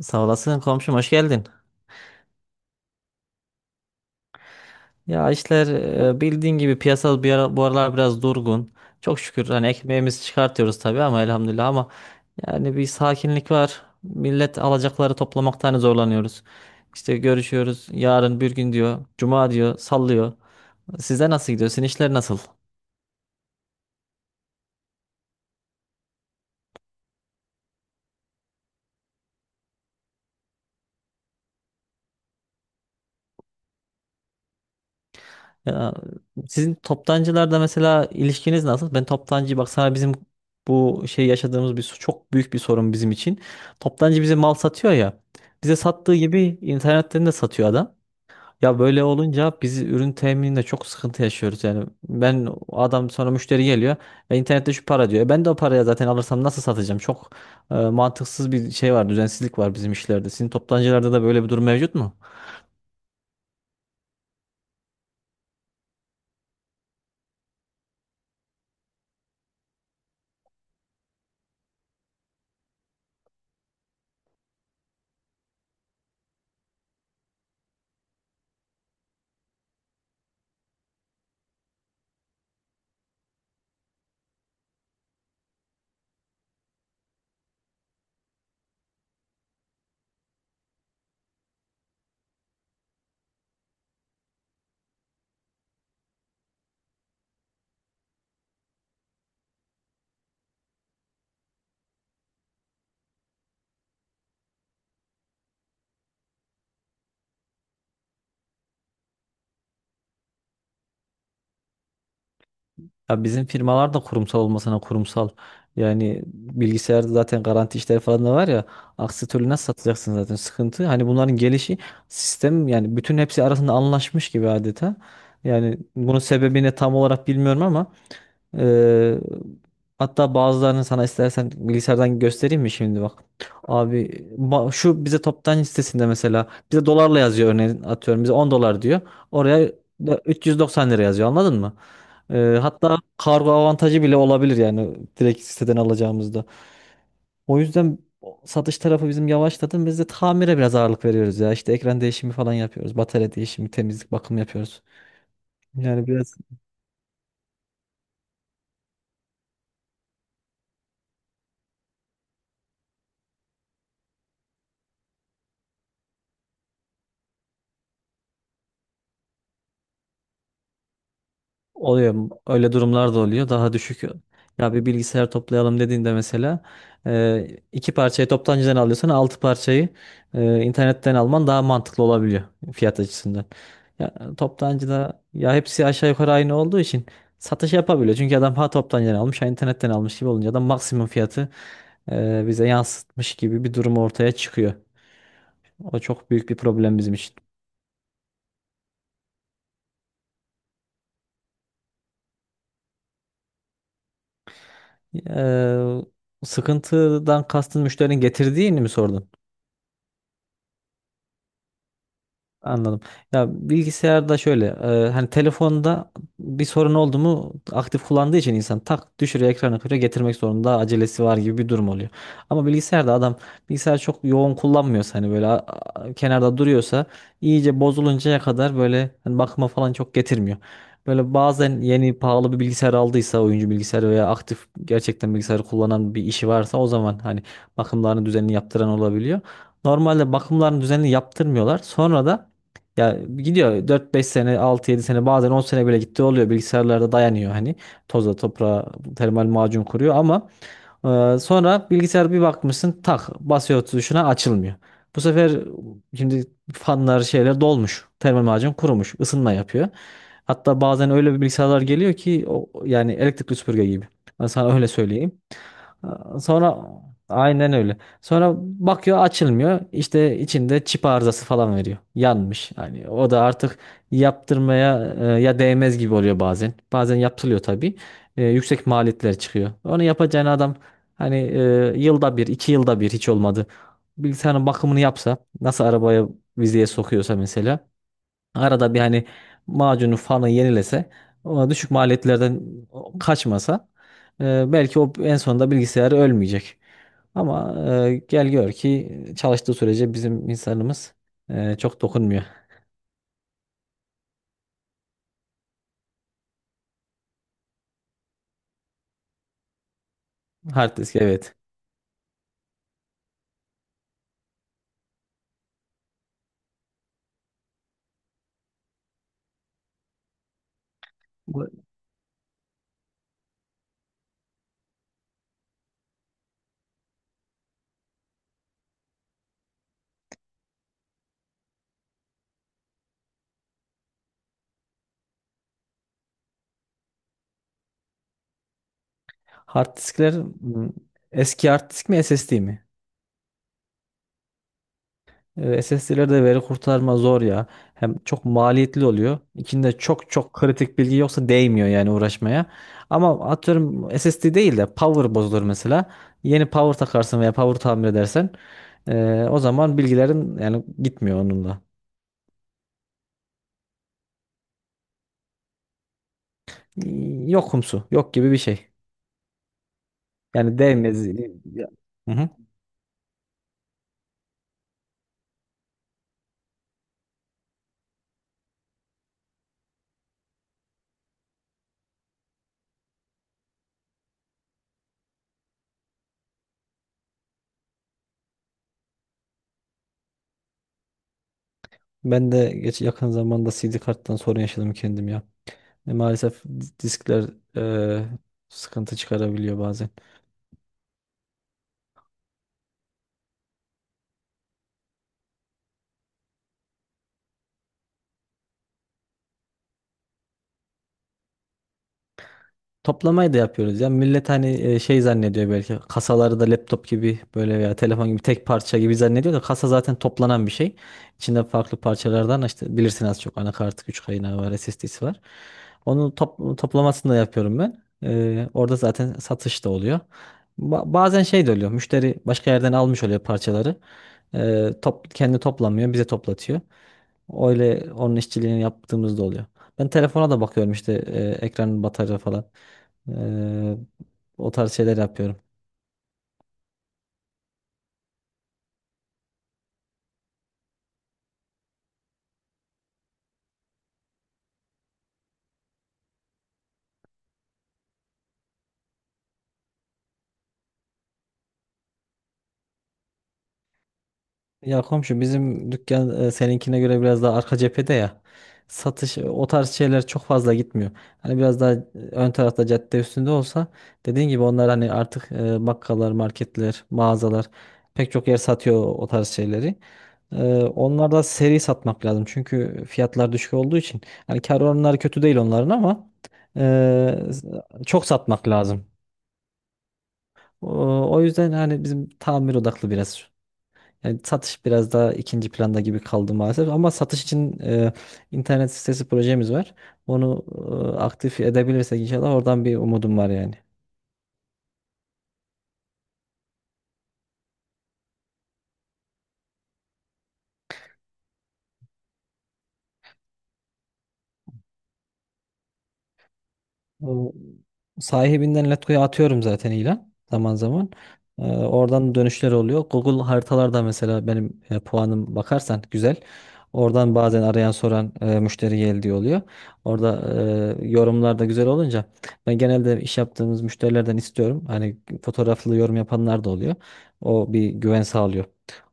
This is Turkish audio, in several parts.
Sağ olasın komşum, hoş geldin. Ya işler, bildiğin gibi piyasal bir ara, bu aralar biraz durgun. Çok şükür, hani ekmeğimizi çıkartıyoruz tabii ama elhamdülillah ama yani bir sakinlik var. Millet alacakları toplamaktan hani zorlanıyoruz. İşte görüşüyoruz, yarın bir gün diyor. Cuma diyor, sallıyor. Size nasıl gidiyor? Sizin işler nasıl? Ya, sizin toptancılarda mesela ilişkiniz nasıl? Ben toptancı bak sana, bizim bu şey yaşadığımız bir çok büyük bir sorun bizim için. Toptancı bize mal satıyor ya. Bize sattığı gibi internetten de satıyor adam. Ya, böyle olunca biz ürün temininde çok sıkıntı yaşıyoruz yani. Ben o adam, sonra müşteri geliyor. İnternette şu para diyor. Ben de o paraya zaten alırsam nasıl satacağım? Çok mantıksız bir şey var, düzensizlik var bizim işlerde. Sizin toptancılarda da böyle bir durum mevcut mu? Ya, bizim firmalar da kurumsal olmasına kurumsal. Yani bilgisayarda zaten garanti işleri falan da var ya. Aksi türlü nasıl satacaksın, zaten sıkıntı. Hani bunların gelişi sistem yani, bütün hepsi arasında anlaşmış gibi adeta. Yani bunun sebebini tam olarak bilmiyorum ama ee, hatta bazılarını sana istersen bilgisayardan göstereyim mi şimdi, bak. Abi, şu bize toptan sitesinde mesela bize dolarla yazıyor, örneğin atıyorum bize 10 dolar diyor. Oraya da 390 lira yazıyor, anladın mı? Hatta kargo avantajı bile olabilir, yani direkt siteden alacağımızda. O yüzden satış tarafı bizim yavaşladı. Biz de tamire biraz ağırlık veriyoruz ya. İşte ekran değişimi falan yapıyoruz. Batarya değişimi, temizlik, bakım yapıyoruz. Yani biraz oluyor. Öyle durumlar da oluyor. Daha düşük. Ya, bir bilgisayar toplayalım dediğinde mesela iki parçayı toptancıdan alıyorsan, altı parçayı internetten alman daha mantıklı olabiliyor, fiyat açısından. Ya, toptancıda ya hepsi aşağı yukarı aynı olduğu için satış yapabiliyor. Çünkü adam ha toptancıdan almış ha internetten almış gibi olunca da maksimum fiyatı bize yansıtmış gibi bir durum ortaya çıkıyor. O çok büyük bir problem bizim için. Sıkıntıdan kastın müşterinin getirdiğini mi sordun? Anladım. Ya bilgisayarda şöyle, hani telefonda bir sorun oldu mu, aktif kullandığı için insan tak düşürüyor, ekranı kırıyor, getirmek zorunda, acelesi var gibi bir durum oluyor. Ama bilgisayarda adam, bilgisayar çok yoğun kullanmıyorsa, hani böyle kenarda duruyorsa iyice bozuluncaya kadar böyle hani bakıma falan çok getirmiyor. Böyle bazen yeni pahalı bir bilgisayar aldıysa, oyuncu bilgisayarı veya aktif gerçekten bilgisayarı kullanan bir işi varsa, o zaman hani bakımlarını düzenli yaptıran olabiliyor. Normalde bakımlarını düzenli yaptırmıyorlar. Sonra da ya gidiyor, dört beş sene, altı yedi sene, bazen 10 sene bile gitti oluyor. Bilgisayarlarda dayanıyor hani, toza toprağa, termal macun kuruyor ama sonra bilgisayar bir bakmışsın tak basıyor tuşuna, açılmıyor. Bu sefer şimdi fanlar, şeyler dolmuş. Termal macun kurumuş, ısınma yapıyor. Hatta bazen öyle bir bilgisayarlar geliyor ki o, yani elektrikli süpürge gibi. Ben sana öyle söyleyeyim. Sonra aynen öyle. Sonra bakıyor, açılmıyor. İşte içinde çip arızası falan veriyor. Yanmış. Hani o da artık yaptırmaya ya değmez gibi oluyor bazen. Bazen yaptırılıyor tabii. Yüksek maliyetler çıkıyor. Onu yapacağın adam hani yılda bir, iki yılda bir hiç olmadı. Bilgisayarın bakımını yapsa, nasıl arabaya vizeye sokuyorsa mesela arada bir, hani macunu fanı yenilese, o düşük maliyetlerden kaçmasa, belki o en sonunda bilgisayarı ölmeyecek. Ama gel gör ki çalıştığı sürece bizim insanımız çok dokunmuyor. Hard disk, evet. Bu hard diskler, m, eski hard disk mi, SSD mi? SSD'lerde veri kurtarma zor ya. Hem çok maliyetli oluyor. İçinde çok çok kritik bilgi yoksa değmiyor yani uğraşmaya. Ama atıyorum SSD değil de power bozulur mesela. Yeni power takarsın veya power tamir edersen o zaman bilgilerin yani gitmiyor onunla. Yokumsu, yok gibi bir şey. Yani değmez. Ya. Hı hı. Ben de geç yakın zamanda CD karttan sorun yaşadım kendim ya. Maalesef diskler e, sıkıntı çıkarabiliyor bazen. Toplamayı da yapıyoruz ya. Millet hani şey zannediyor belki, kasaları da laptop gibi böyle veya telefon gibi tek parça gibi zannediyor da, kasa zaten toplanan bir şey. İçinde farklı parçalardan, işte bilirsin az çok, anakartı, güç kaynağı var, SSD'si var. Onu toplamasını da yapıyorum ben. Orada zaten satış da oluyor. Bazen şey de oluyor. Müşteri başka yerden almış oluyor parçaları. Kendi toplamıyor, bize toplatıyor. Öyle onun işçiliğini yaptığımız da oluyor. Ben telefona da bakıyorum, işte ekranın, batarya falan. Eee, o tarz şeyler yapıyorum. Ya komşu, bizim dükkan seninkine göre biraz daha arka cephede ya. Satış, o tarz şeyler çok fazla gitmiyor. Hani biraz daha ön tarafta, cadde üstünde olsa, dediğin gibi onlar hani artık, bakkallar, marketler, mağazalar, pek çok yer satıyor o tarz şeyleri. Onlar da seri satmak lazım. Çünkü fiyatlar düşük olduğu için hani kar oranları kötü değil onların ama çok satmak lazım. O yüzden hani bizim tamir odaklı biraz. Yani satış biraz daha ikinci planda gibi kaldı maalesef. Ama satış için internet sitesi projemiz var. Onu aktif edebilirsek inşallah, oradan bir umudum var yani. O sahibinden Letgo'ya atıyorum zaten ilan, zaman zaman. Oradan dönüşler oluyor. Google haritalarda mesela benim puanım, bakarsan, güzel. Oradan bazen arayan soran müşteri geldi diye oluyor. Orada yorumlar da güzel olunca, ben genelde iş yaptığımız müşterilerden istiyorum. Hani fotoğraflı yorum yapanlar da oluyor. O bir güven sağlıyor.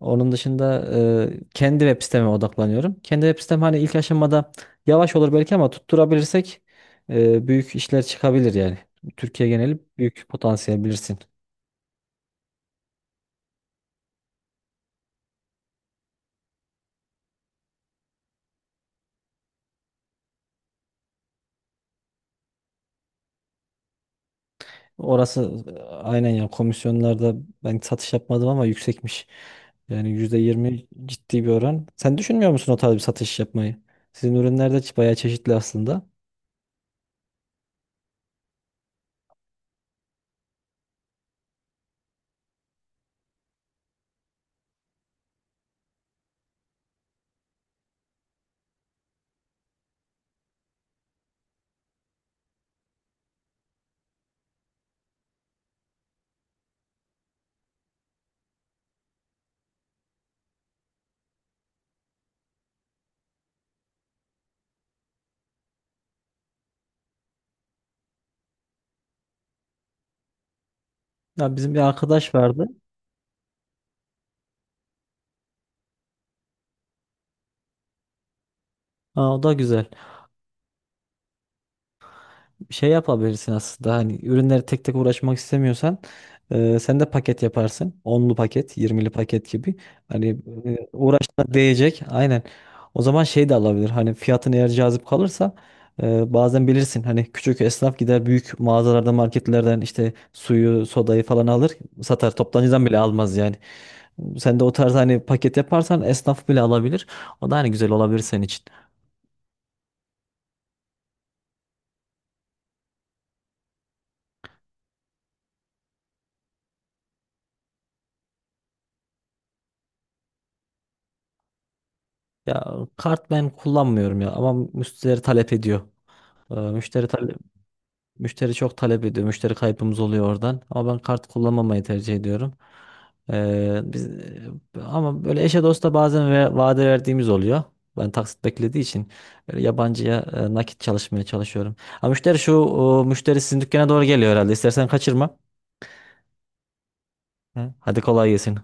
Onun dışında kendi web siteme odaklanıyorum. Kendi web sitem hani ilk aşamada yavaş olur belki ama tutturabilirsek büyük işler çıkabilir yani. Türkiye geneli büyük potansiyel, bilirsin. Orası aynen ya, komisyonlarda ben satış yapmadım ama yüksekmiş. Yani %20 ciddi bir oran. Sen düşünmüyor musun o tarz bir satış yapmayı? Sizin ürünler de bayağı çeşitli aslında. Ya, bizim bir arkadaş vardı. Ha, o da güzel. Şey yapabilirsin aslında, hani ürünleri tek tek uğraşmak istemiyorsan sen de paket yaparsın. Onlu paket, yirmili paket gibi. Hani uğraşına değecek. Aynen. O zaman şey de alabilir. Hani fiyatın eğer cazip kalırsa, bazen bilirsin hani, küçük esnaf gider büyük mağazalardan, marketlerden, işte suyu, sodayı falan alır, satar. Toptancıdan bile almaz yani. Sen de o tarz hani paket yaparsan esnaf bile alabilir. O da hani güzel olabilir senin için. Ya, kart ben kullanmıyorum ya ama müşterileri talep ediyor. Ee, Müşteri tale- müşteri çok talep ediyor. Müşteri kaybımız oluyor oradan. Ama ben kart kullanmamayı tercih ediyorum. Biz ama böyle eşe dosta bazen ve vade verdiğimiz oluyor. Ben taksit beklediği için böyle yabancıya nakit çalışmaya çalışıyorum. Ha müşteri, müşteri sizin dükkana doğru geliyor herhalde. İstersen kaçırma. Hı. Hadi kolay gelsin.